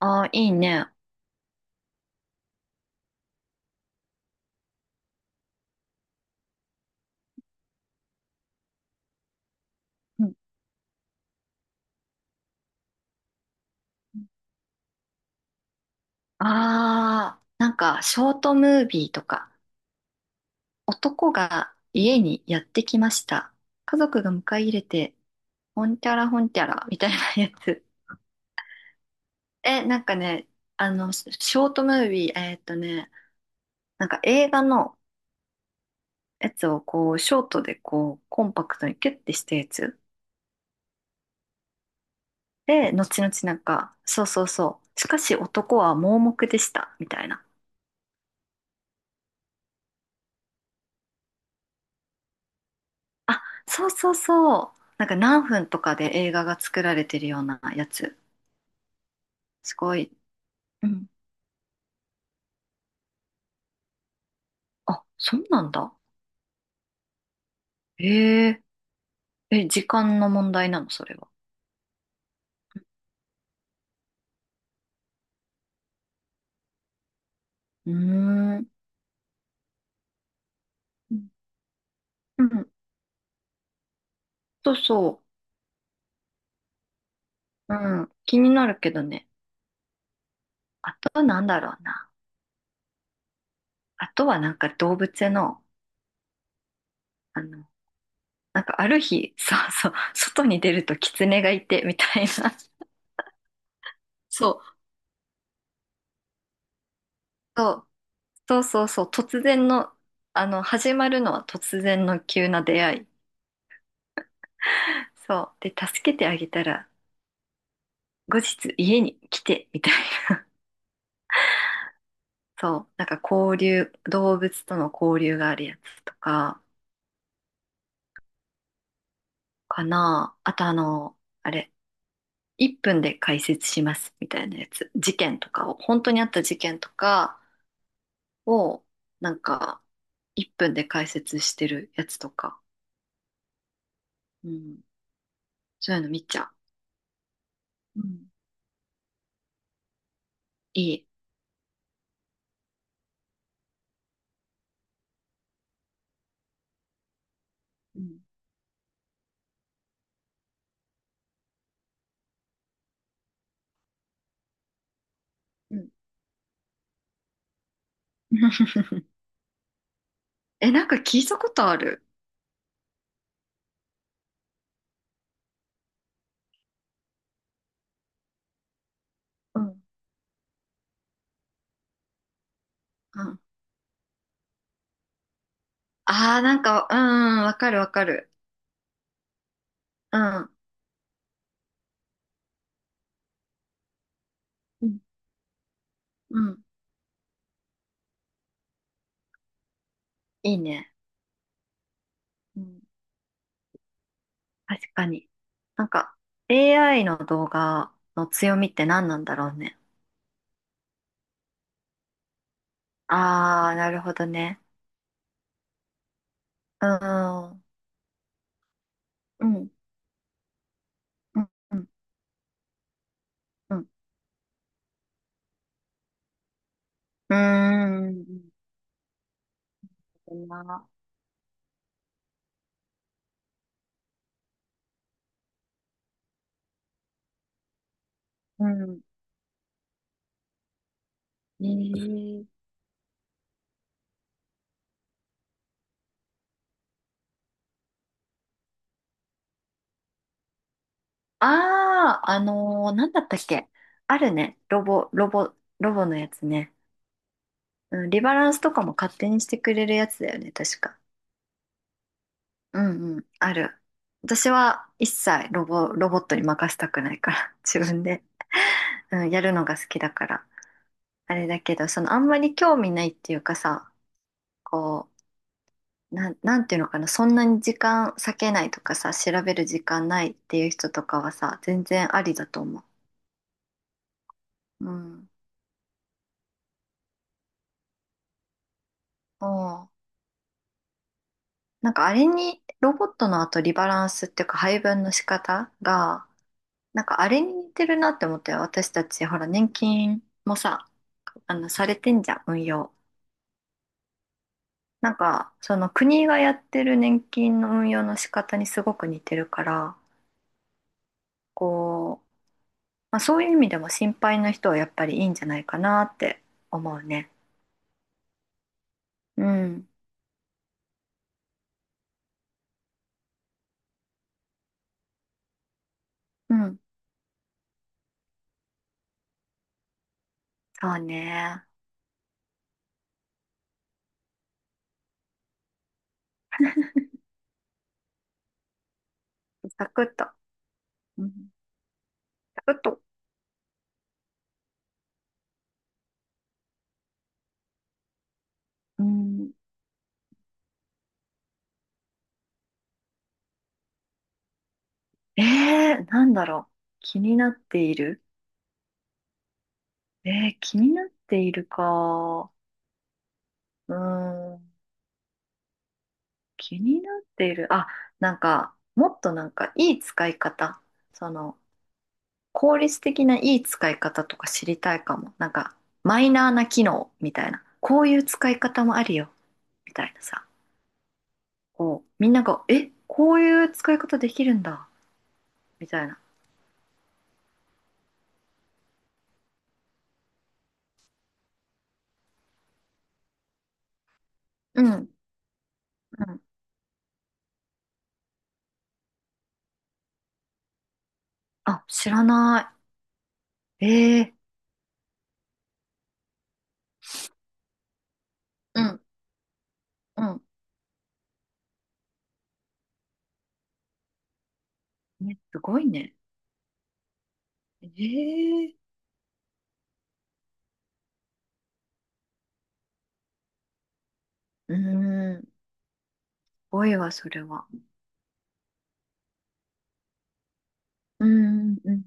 ああ、いいね。うん。ああ、なんか、ショートムービーとか、男が家にやってきました。家族が迎え入れて、ほんてゃらほんてゃら、みたいな やつ。え、なんかね、ショートムービー、なんか映画のやつをこう、ショートでこう、コンパクトにキュッてしたやつ。で、後々なんか、そうそうそう。しかし男は盲目でした、みたいな。あ、そうそうそう。なんか何分とかで映画が作られてるようなやつ。すごい。うん。あ、そうなんだ。へえ。え、時間の問題なの、それは。うーん。うん。うん。そうそう。うん。気になるけどね。あとなんだろうな。あとはなんか動物園の、あの、なんかある日、そうそう、外に出ると狐がいて、みたいな。そう、そう、そうそうそう、突然の、始まるのは突然の急な出会い。そう。で、助けてあげたら、後日家に来て、みたいな。そう。なんか交流、動物との交流があるやつとか、かな。あと、あの、あれ、1分で解説します、みたいなやつ。事件とかを、本当にあった事件とかを、なんか、1分で解説してるやつとか。うん。そういうの見ちゃう。うん。いい。うん。うん。え、なんか聞いたことある。うん。うん。ああ、なんか、うん、わかるわかる。うんうん。うん。いいね。うん。確かに。なんか、AI の動画の強みって何なんだろうね。あー、なるほどね。うん。うん。うん。うん。うん。うーん。そんな。うん。ねえ。あー、なんだったっけ。あるね。ロボのやつね。うん。リバランスとかも勝手にしてくれるやつだよね。確か。うんうん、ある。私は一切ロボットに任せたくないから、自分で、うん、やるのが好きだから。あれだけど、あんまり興味ないっていうかさ、こう、なんていうのかな、そんなに時間割けないとかさ、調べる時間ないっていう人とかはさ、全然ありだと思う。うん。おう。なんかあれに、ロボットの後リバランスっていうか配分の仕方が、なんかあれに似てるなって思って、私たちほら、年金もさ、されてんじゃん、運用。なんかその国がやってる年金の運用の仕方にすごく似てるから、こう、まあ、そういう意味でも心配な人はやっぱりいいんじゃないかなって思うね。うん。うん。そうね。サクッと、うん、サクッと、うん、えなんだろう。気になっている。気になっているか。うーん。気になっている。あ、なんか、もっとなんか、いい使い方。その、効率的ないい使い方とか知りたいかも。なんか、マイナーな機能みたいな。こういう使い方もあるよ。みたいなさ。こう、みんなが、え、こういう使い方できるんだ。みたいな。うん、うん。あ、知らない。ええ。うん、うん。ね、すごいね。ええ。うーん。すごいわ、それは。うーん、うん。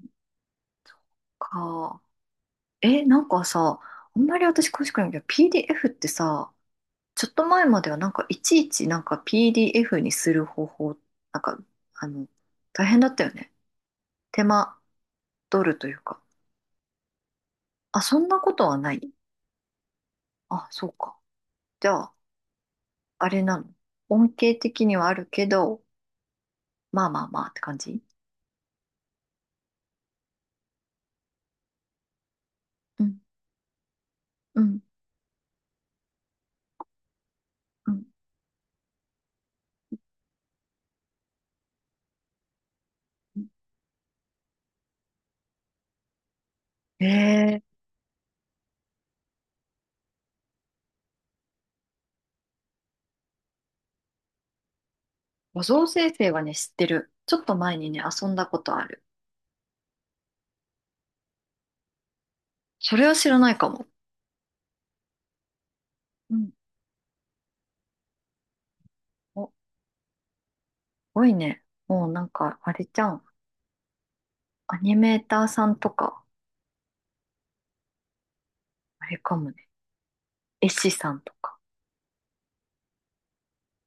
か。え、なんかさ、あんまり私詳しくないけど、PDF ってさ、ちょっと前まではなんかいちいちなんか PDF にする方法、なんか、あの、大変だったよね。手間取るというか。あ、そんなことはない。あ、そうか。じゃあ、あれなの。恩恵的にはあるけど、まあまあまあって感じ。うん、うん、うん。うん。えー、画像生成はね、知ってる。ちょっと前にね、遊んだことある。それは知らないかも。うん。おごいね。もうなんか、あれじゃん。アニメーターさんとか、あれかもね。絵師さんとか、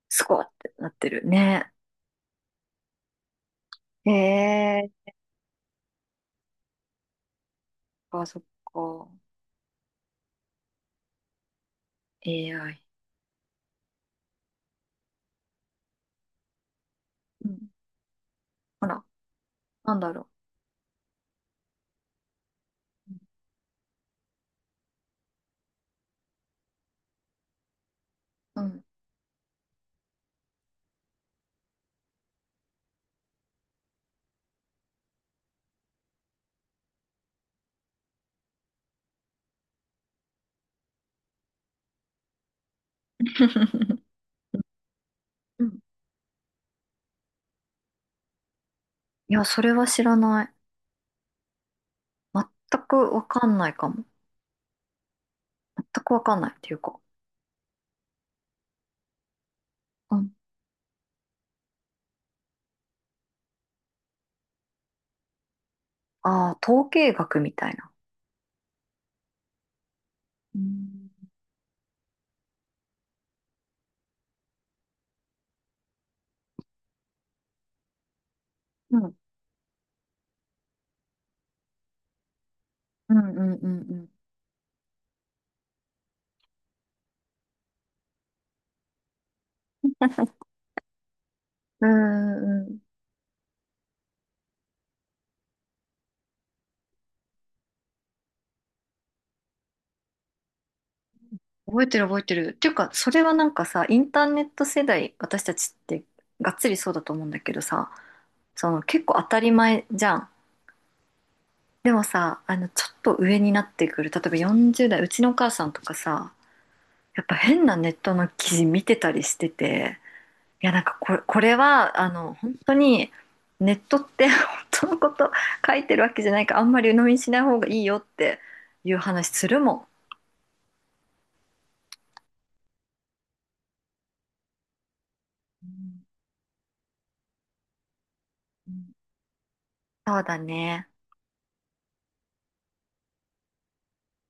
すごいってなってるね。へえ、あ、そっか。AI。うん。ほら、なんだろう。うん。うん。いや、それは知らない。全くわかんないかも。全くわかんないっていうか。うん。ああ、統計学みたいな。うん。うん、うん、うん、うん。うん、うん、覚えてる覚えてる。っていうか、それはなんかさ、インターネット世代、私たちってがっつりそうだと思うんだけどさ、その結構当たり前じゃん。でもさ、ちょっと上になってくる、例えば40代、うちのお母さんとかさ、やっぱ変なネットの記事見てたりしてて、いや、なんかこれは、本当に、ネットって 本当のこと書いてるわけじゃないから、あんまり鵜呑みにしない方がいいよっていう話するもん。そうだね。